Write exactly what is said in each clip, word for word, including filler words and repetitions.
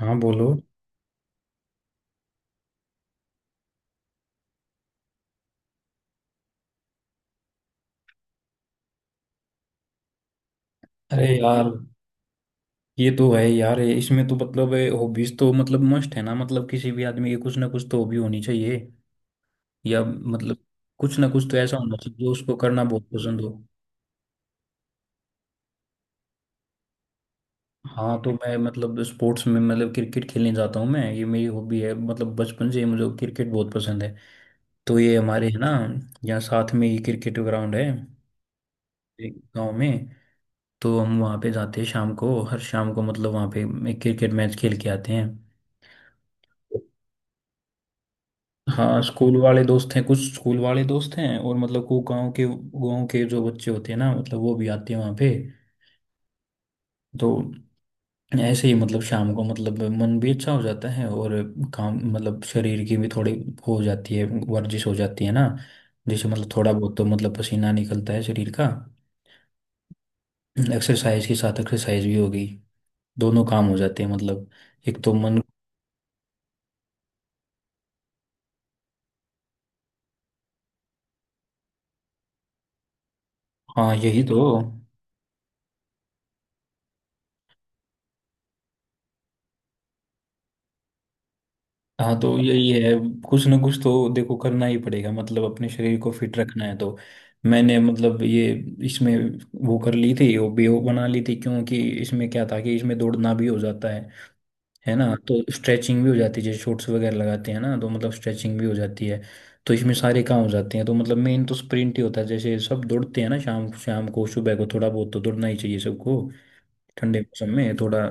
हाँ, बोलो। अरे यार ये तो है यार, ये- इसमें तो मतलब हॉबीज तो मतलब मस्ट है ना, मतलब किसी भी आदमी की कुछ ना कुछ तो हॉबी होनी चाहिए या मतलब कुछ ना कुछ तो ऐसा होना चाहिए जो उसको करना बहुत पसंद हो। हाँ, तो मैं मतलब स्पोर्ट्स में मतलब क्रिकेट खेलने जाता हूँ। मैं, ये मेरी हॉबी है, मतलब बचपन से ही मुझे क्रिकेट बहुत पसंद है। तो ये हमारे है ना, यहाँ साथ में ये क्रिकेट ग्राउंड है एक गाँव में। तो हम वहाँ पे जाते हैं शाम को, हर शाम को मतलब वहाँ पे क्रिकेट मैच खेल के आते हैं। हाँ, स्कूल वाले दोस्त हैं, कुछ स्कूल वाले दोस्त हैं और मतलब को गांव के गांव के जो बच्चे होते हैं ना, मतलब वो भी आते हैं वहाँ पे। तो ऐसे ही मतलब शाम को मतलब मन भी अच्छा हो जाता है और काम मतलब शरीर की भी थोड़ी हो जाती है, वर्जिश हो जाती है ना। जैसे मतलब थोड़ा बहुत तो मतलब पसीना निकलता है शरीर का, एक्सरसाइज के साथ एक्सरसाइज भी होगी। दोनों काम हो जाते हैं, मतलब एक तो मन। हाँ, यही तो। हाँ, तो यही है। कुछ ना कुछ तो देखो करना ही पड़ेगा मतलब अपने शरीर को फिट रखना है तो। मैंने मतलब ये इसमें वो कर ली थी, हॉबी वो बना ली थी क्योंकि इसमें क्या था कि इसमें दौड़ना भी हो जाता है है ना। तो स्ट्रेचिंग भी हो जाती है, जैसे शॉर्ट्स वगैरह लगाते हैं ना, तो मतलब स्ट्रेचिंग भी हो जाती है। तो इसमें सारे काम हो जाते हैं। तो मतलब मेन तो स्प्रिंट ही होता है, जैसे सब दौड़ते हैं ना, शाम शाम को सुबह को थोड़ा बहुत तो दौड़ना ही चाहिए सबको। ठंडे मौसम में थोड़ा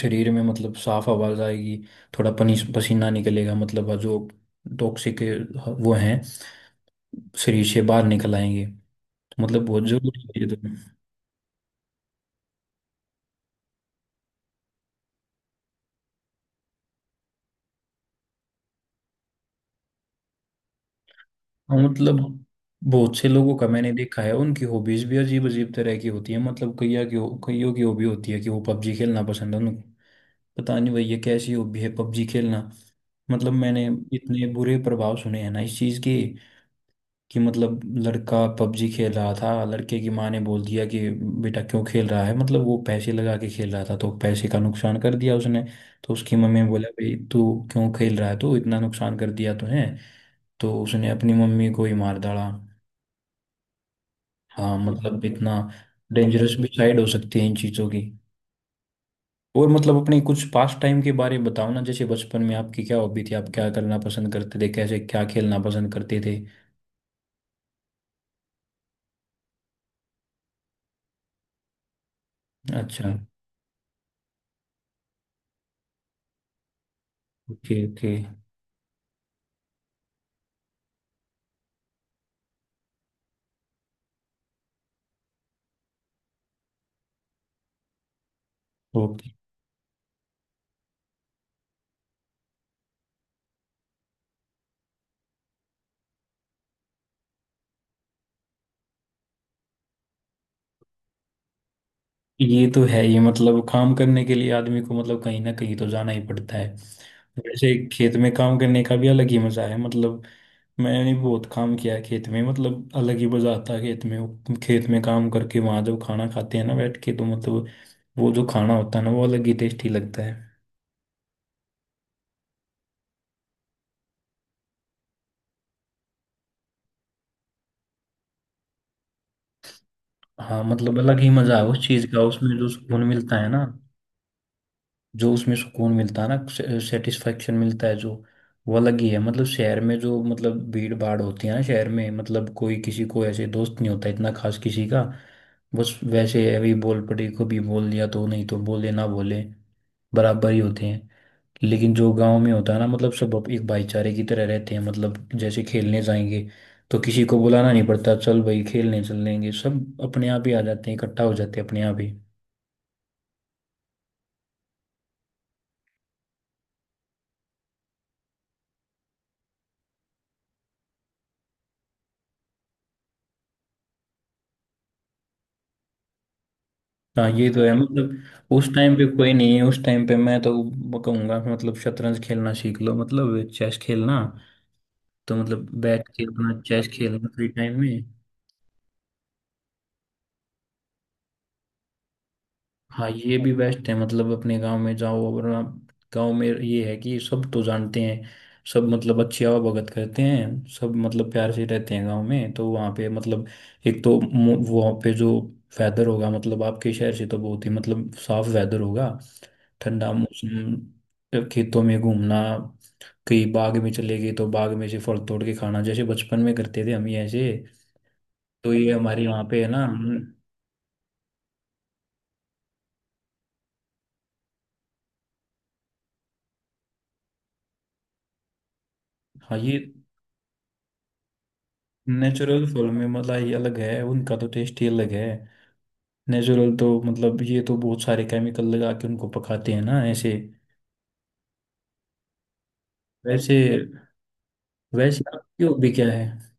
शरीर में मतलब साफ आवाज आएगी, थोड़ा पनी पसीना निकलेगा, मतलब जो टॉक्सिक वो हैं शरीर से बाहर निकल आएंगे। तो मतलब बहुत जरूरी है ये तो। हाँ, मतलब बहुत से लोगों का मैंने देखा है, उनकी हॉबीज भी अजीब अजीब तरह की होती है मतलब कईयों की कईयों की हॉबी होती है कि वो पबजी खेलना पसंद है उनको। पता नहीं भाई ये कैसी हॉबी है, पबजी खेलना। मतलब मैंने इतने बुरे प्रभाव सुने हैं ना इस चीज के कि मतलब लड़का पबजी खेल रहा था, लड़के की माँ ने बोल दिया कि बेटा क्यों खेल रहा है, मतलब वो पैसे लगा के खेल रहा था तो पैसे का नुकसान कर दिया उसने। तो उसकी मम्मी ने बोला भाई तू क्यों खेल रहा है, तू इतना नुकसान कर दिया तूने। तो उसने अपनी मम्मी को ही मार डाला। हाँ, मतलब इतना डेंजरस भी साइड हो सकती है इन चीज़ों की। और मतलब अपने कुछ पास टाइम के बारे में बताओ ना, जैसे बचपन में आपकी क्या हॉबी थी, आप क्या करना पसंद करते थे, कैसे क्या खेलना पसंद करते थे। अच्छा। ओके। ओके। ये तो है, ये मतलब काम करने के लिए आदमी को मतलब कहीं ना कहीं तो जाना ही पड़ता है। वैसे खेत में काम करने का भी अलग ही मजा है, मतलब मैंने बहुत काम किया है खेत में। मतलब अलग ही मजा आता है खेत में वो- खेत में काम करके, वहां जो खाना खाते हैं ना बैठ के, तो मतलब वो जो खाना होता है ना वो अलग ही टेस्टी लगता है। हाँ, मतलब अलग ही मजा है उस चीज का, उसमें जो सुकून मिलता है ना, जो उसमें सुकून मिलता है ना, सेटिस्फेक्शन मिलता है जो, वो अलग ही है। मतलब शहर में जो मतलब भीड़ भाड़ होती है ना शहर में, मतलब कोई किसी को ऐसे दोस्त नहीं होता इतना खास किसी का। बस वैसे है, अभी बोल पड़े को भी बोल दिया तो नहीं तो बोले ना बोले बराबर ही होते हैं। लेकिन जो गांव में होता है ना, मतलब सब अप- एक भाईचारे की तरह रहते हैं। मतलब जैसे खेलने जाएंगे तो किसी को बुलाना नहीं पड़ता, चल भाई खेलने चल लेंगे, सब अपने आप ही आ जाते हैं, इकट्ठा हो जाते हैं अपने आप ही। हाँ, ये तो है। मतलब उस टाइम पे कोई नहीं है, उस टाइम पे मैं तो वो कहूंगा कि मतलब शतरंज खेलना सीख लो, मतलब चेस खेलना। तो मतलब बैठ के अपना चेस खेलना फ्री टाइम में। हाँ, ये भी बेस्ट है। मतलब अपने गांव में जाओ और आप- गांव में ये है कि सब तो जानते हैं, सब मतलब अच्छी आवाभगत करते हैं, सब मतलब प्यार से रहते हैं गांव में। तो वहाँ पे मतलब एक तो मो- वहाँ पे जो वेदर होगा मतलब आपके शहर से तो बहुत ही मतलब साफ वेदर होगा। ठंडा मौसम, खेतों में घूमना, कहीं बाग में चले गए तो बाग में से फल तोड़ के खाना, जैसे बचपन में करते थे हम ये ऐसे। तो ये हमारे यहाँ पे है ना। हाँ, ये नेचुरल फल में मतलब ये अलग है, उनका तो टेस्ट ही अलग है। नेचुरल तो मतलब ये तो, बहुत सारे केमिकल लगा के उनको पकाते हैं ना ऐसे। वैसे वैसे आपके भी क्या है।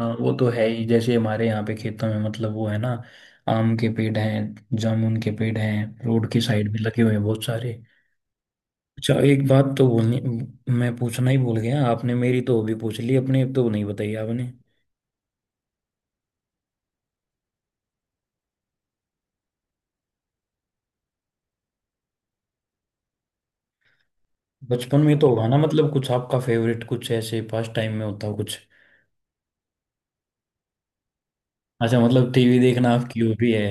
हाँ, वो तो है ही, जैसे हमारे यहाँ पे खेतों में मतलब वो है ना, आम के पेड़ हैं, जामुन के पेड़ हैं, रोड की साइड भी लगे हुए हैं बहुत सारे। अच्छा, एक बात तो बोलनी, मैं पूछना ही भूल गया, आपने मेरी तो अभी पूछ ली, अपने तो नहीं बताई आपने। बचपन में तो होगा ना मतलब कुछ आपका फेवरेट कुछ ऐसे पास टाइम में होता हो कुछ। अच्छा, मतलब टीवी देखना आपकी हॉबी है।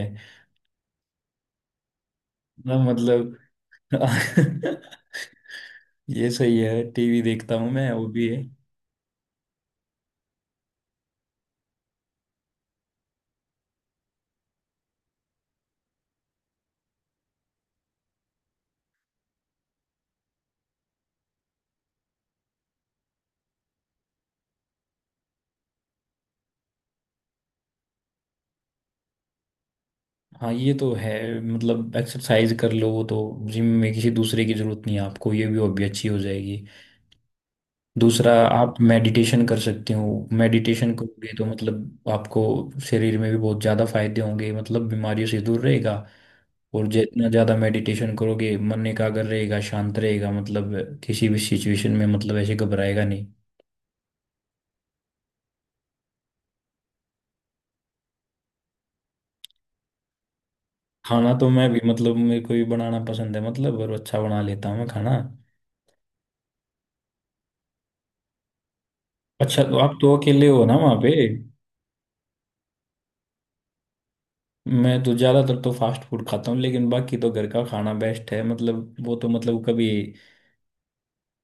ना मतलब ये सही है, टीवी देखता हूँ मैं, वो भी है। हाँ, ये तो है। मतलब एक्सरसाइज कर लो, वो तो जिम में किसी दूसरे की जरूरत नहीं है आपको, ये भी हॉबी अच्छी हो जाएगी। दूसरा, आप मेडिटेशन कर सकते हो। मेडिटेशन करोगे तो मतलब आपको शरीर में भी बहुत ज़्यादा फायदे होंगे, मतलब बीमारियों से दूर रहेगा। और जितना ज़्यादा मेडिटेशन करोगे, मन एकाग्र रहेगा, शांत रहेगा, मतलब किसी भी सिचुएशन में मतलब ऐसे घबराएगा नहीं। खाना तो मैं भी, मतलब मेरे को भी बनाना पसंद है, मतलब और अच्छा बना लेता हूँ मैं खाना। अच्छा, तो आप तो अकेले हो ना वहाँ पे। मैं तो ज्यादातर तो फास्ट फूड खाता हूँ, लेकिन बाकी तो घर का खाना बेस्ट है। मतलब वो तो मतलब कभी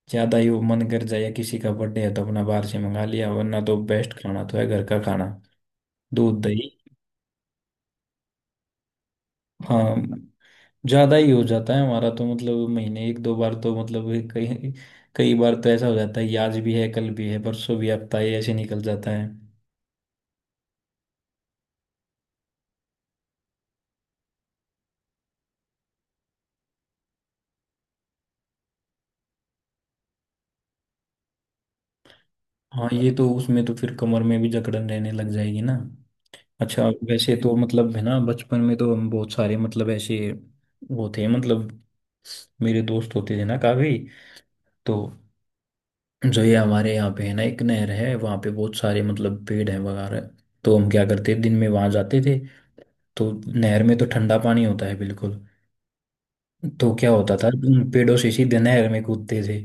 ज्यादा ही वो मन कर जाए या किसी का बर्थडे है तो अपना बाहर से मंगा लिया, वरना तो बेस्ट खाना तो है घर का खाना। दूध दही। हाँ, ज्यादा ही हो जाता है हमारा तो, मतलब महीने एक दो बार तो, मतलब कई कई बार तो ऐसा हो जाता है कि आज भी है, कल भी है, परसों भी, हफ्ता ही ऐसे निकल जाता है। हाँ, ये तो उसमें तो फिर कमर में भी जकड़न रहने लग जाएगी ना। अच्छा। वैसे तो मतलब है ना, बचपन में तो हम बहुत सारे मतलब ऐसे वो थे मतलब, मेरे दोस्त होते थे ना काफी। तो जो ये हमारे यहाँ पे है ना, एक नहर है, वहाँ पे बहुत सारे मतलब पेड़ हैं वगैरह। तो हम क्या करते दिन में वहाँ जाते थे। तो नहर में तो ठंडा पानी होता है बिल्कुल। तो क्या होता था, उन पेड़ों से सीधे नहर में कूदते थे,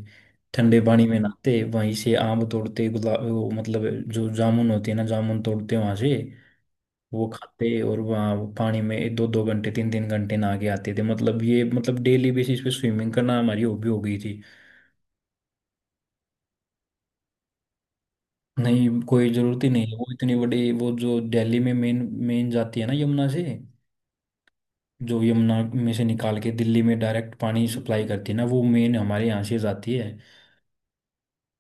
ठंडे पानी में नहाते, वहीं से आम तोड़ते, गुलाब वो मतलब जो जामुन होती है ना, जामुन तोड़ते वहां से, वो खाते। और वहाँ वो पानी में दो दो घंटे, तीन तीन घंटे नहा के आते थे, मतलब ये मतलब डेली बेसिस पे स्विमिंग करना हमारी हॉबी हो गई थी। नहीं, कोई जरूरत ही नहीं है। वो इतनी बड़ी वो जो दिल्ली में मेन मेन जाती है ना यमुना से, जो यमुना में से निकाल के दिल्ली में डायरेक्ट पानी सप्लाई करती है ना, वो मेन हमारे यहाँ से जाती है।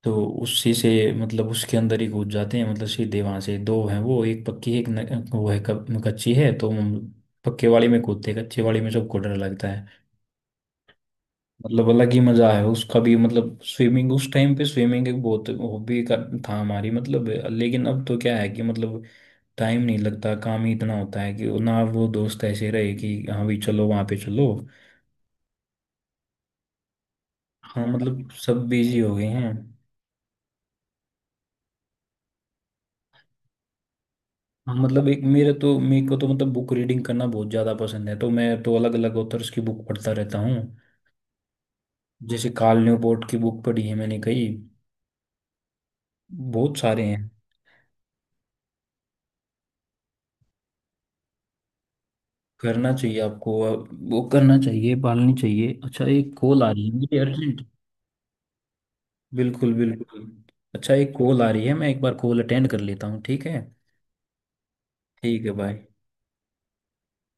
तो उसी से मतलब उसके अंदर ही कूद जाते हैं। मतलब सीधे वहां से, दो हैं वो, एक पक्की है, एक न, वो है क- कच्ची है। तो हम पक्के वाली में कूदते हैं, कच्चे वाली में सबको डर लगता है। मतलब अलग ही मजा है उसका भी, मतलब स्विमिंग उस टाइम पे, स्विमिंग एक बहुत हॉबी का था हमारी मतलब। लेकिन अब तो क्या है कि मतलब टाइम नहीं लगता, काम ही इतना होता है कि ना वो दोस्त ऐसे रहे कि हाँ भाई चलो वहां पे चलो। हाँ, मतलब सब बिजी हो गए हैं। हाँ, मतलब एक मेरे तो मेरे को तो मतलब बुक रीडिंग करना बहुत ज़्यादा पसंद है, तो मैं तो अलग अलग ऑथर्स की बुक पढ़ता रहता हूँ। जैसे कार्ल न्यूपोर्ट की बुक पढ़ी है मैंने कई, बहुत सारे हैं। करना चाहिए आपको, आप- वो करना चाहिए, पालनी चाहिए। अच्छा, एक कॉल आ रही है मुझे अर्जेंट। बिल्कुल बिल्कुल। अच्छा, एक कॉल आ रही है, मैं एक बार कॉल अटेंड कर लेता हूँ, ठीक है। ठीक है, बाय।